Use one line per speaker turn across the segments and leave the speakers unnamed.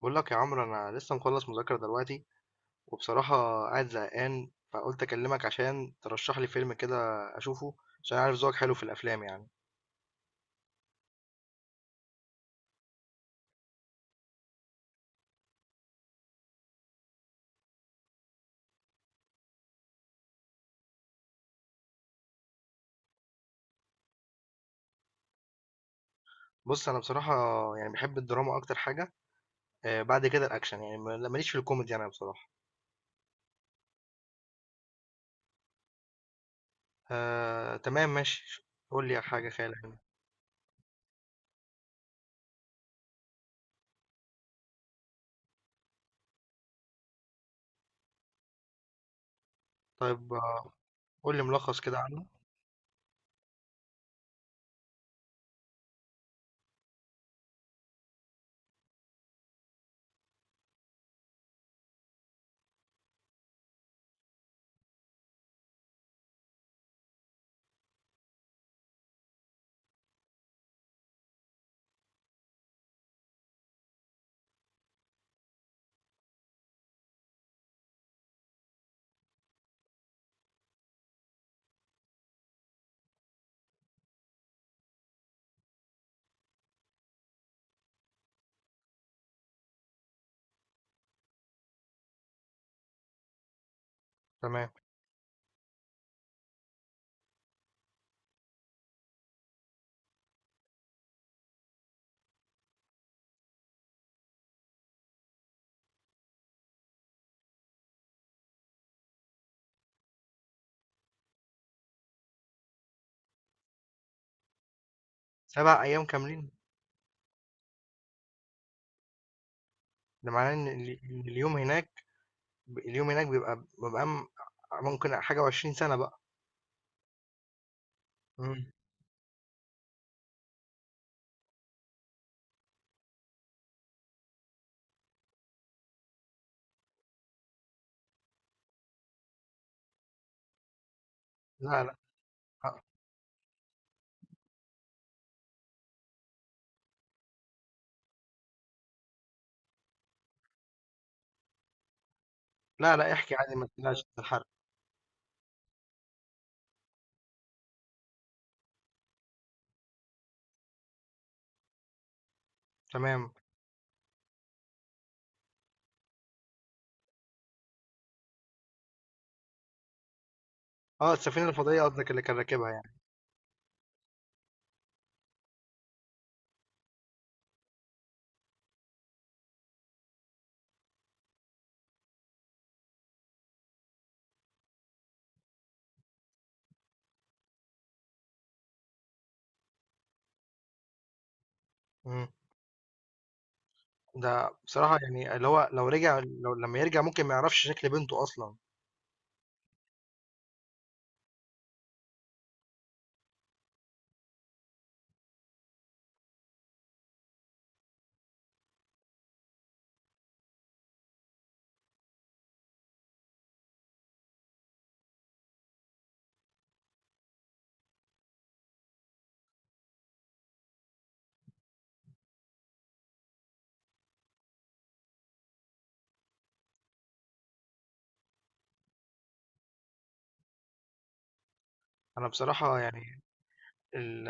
بقول لك يا عمرو انا لسه مخلص مذاكره دلوقتي وبصراحه قاعد زهقان فقلت اكلمك عشان ترشح لي فيلم كده اشوفه عشان عارف ذوقك حلو في الافلام يعني. بص انا بصراحه يعني بحب الدراما اكتر حاجه. آه بعد كده الاكشن يعني ماليش في الكوميدي انا بصراحه. آه تمام ماشي قول لي حاجه خيال علمي. طيب آه، قول لي ملخص كده عنه. تمام. 7 ايام كاملين؟ ده معناه ان إن اليوم هناك بيبقى ممكن حاجه و20 سنه بقى. مم. لا لا لا لا احكي عادي ما تقلقش من الحرق. تمام. اه السفينة الفضائية قصدك اللي كان راكبها يعني. مم. ده بصراحة يعني اللي هو لو لما يرجع ممكن ما يعرفش شكل بنته أصلا. أنا بصراحة يعني ال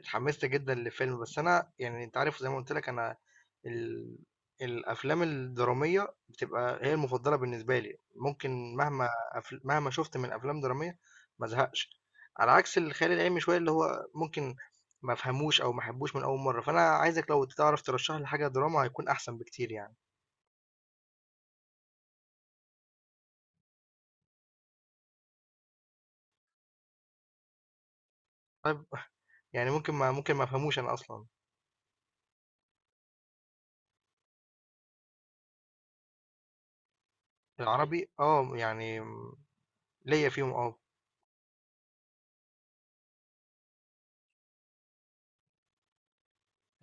اتحمست جدًا لفيلم، بس أنا يعني أنت عارف زي ما قُلت لك أنا ال الأفلام الدرامية بتبقى هي المفضلة بالنسبة لي، ممكن مهما شُفت من أفلام درامية ما أزهقش، على عكس الخيال العلمي شوية اللي هو ممكن ما أفهموش أو ما أحبوش من أول مرّة، فأنا عايزك لو تعرف ترشّح لي حاجة دراما هيكون أحسن بكتير يعني. طيب. يعني ممكن ما أفهموش أنا أصلًا. العربي آه، يعني ليّا فيهم آه.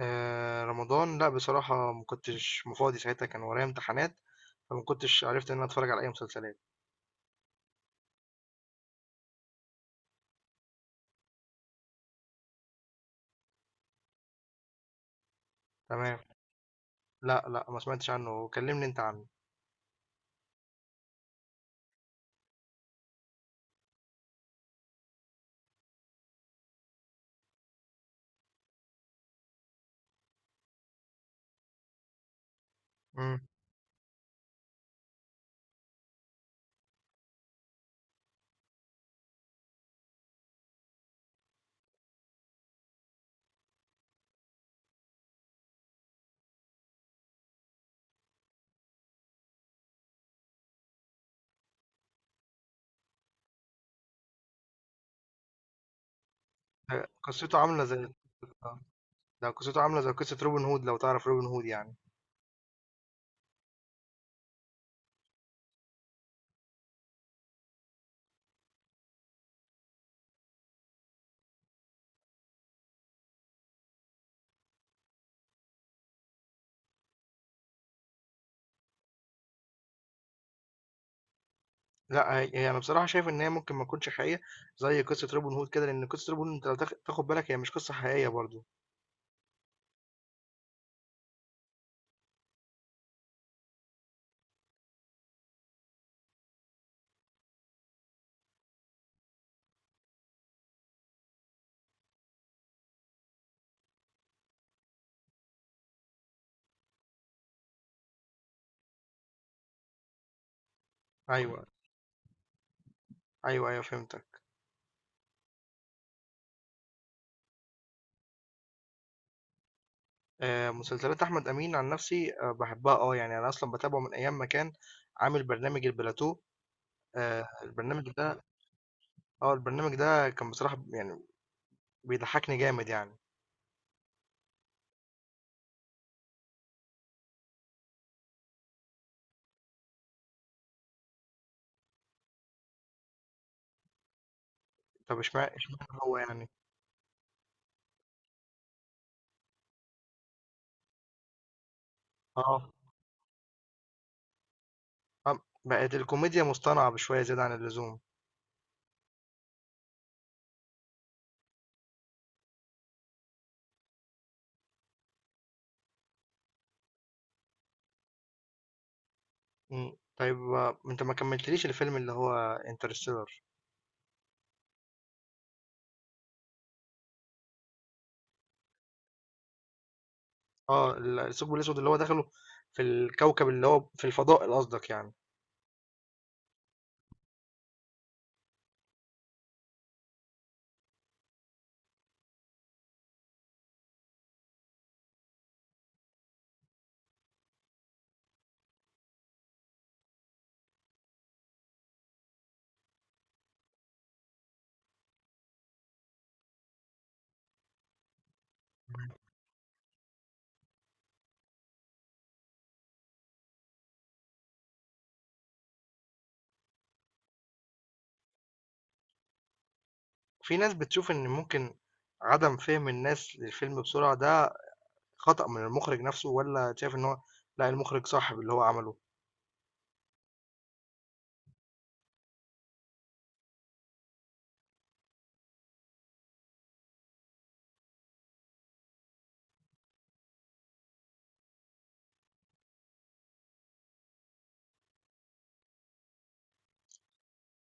رمضان لأ، بصراحة ما كنتش فاضي ساعتها كان ورايا امتحانات، فما كنتش عرفت إن أنا أتفرّج على أي مسلسلات. تمام. لأ، لأ، ما سمعتش عنّه، كلّمني أنت عنّه. إمم. قصّته عاملة زي آه. ده قصّته عاملة زي قصّة روبن هود لو تعرف روبن هود يعني. لأ، هي أنا بصراحة شايف إن هي ممكن ما تكونش حقيقية زي قصّة روبن هود كده، لإن قصّة روبن هود أنت لو تاخُد بالك هي مش قصّة حقيقية برضه. أيوه، أيوه، أيوه فهمتك. مسلسلات أحمد أمين عن نَفْسي باحبّها آه، يعني أنا أصلًا باتابعه من أيام ما كان عامل برنامج البلاتو. آآ البرنامج ده البرنامج ده كان بصراحة يعني بيضحّكني جامد يعني، طب إشمعنى هو يعني؟ آه، آه، بقت الكوميديا مصطنعة بشوية زيادة عن اللزوم، إمم، طيب آه، أنت ما كمّلتليش الفيلم اللي هو Interstellar. آه، الثقب الأسود اللي هو دخله في الكوكب اللي هو في الفضاء قصدك يعني، إمم، في ناس بتشوف إن ممكن عدم فهم الناس للفيلم بسرعة ده خطأ من المُخرِج نَفْسه والّا شايف إن هو لأ، المُخرِج صح باللي هو عمله؟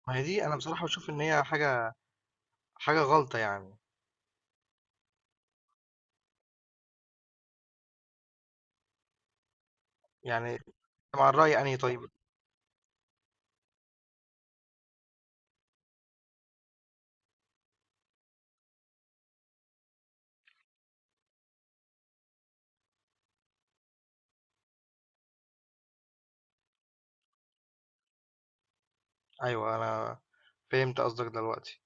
ما هي دي أنا بصراحة باشوف إن هي حاجة غلطة يعني، يعني مع الرأي أنهي طيب؟ أيوه أنا فهمت قصدك دلوقتي،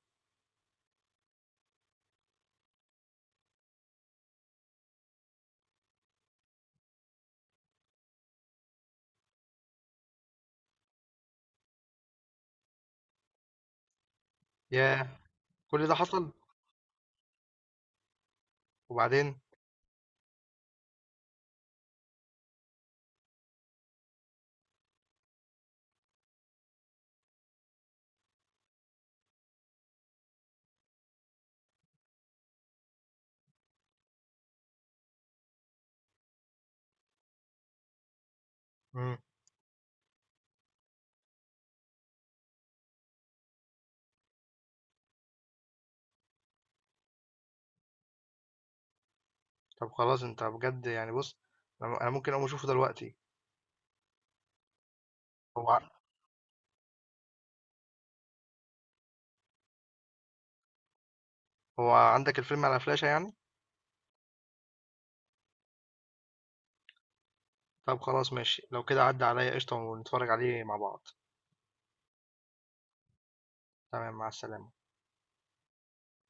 ياه! كل ده حصل؟ وبعدين؟ إمم، طب خلاص أنت بجد يعني بُص أنا ممكن أقوم أشوفه دلوقتي، هو ع هو عندك الفيلم على فلاشة يعني؟ طب خلاص ماشي، لو كده عدّي عليَّ قشطة ونتفرج عليه مع بعض، تمام مع السلامة.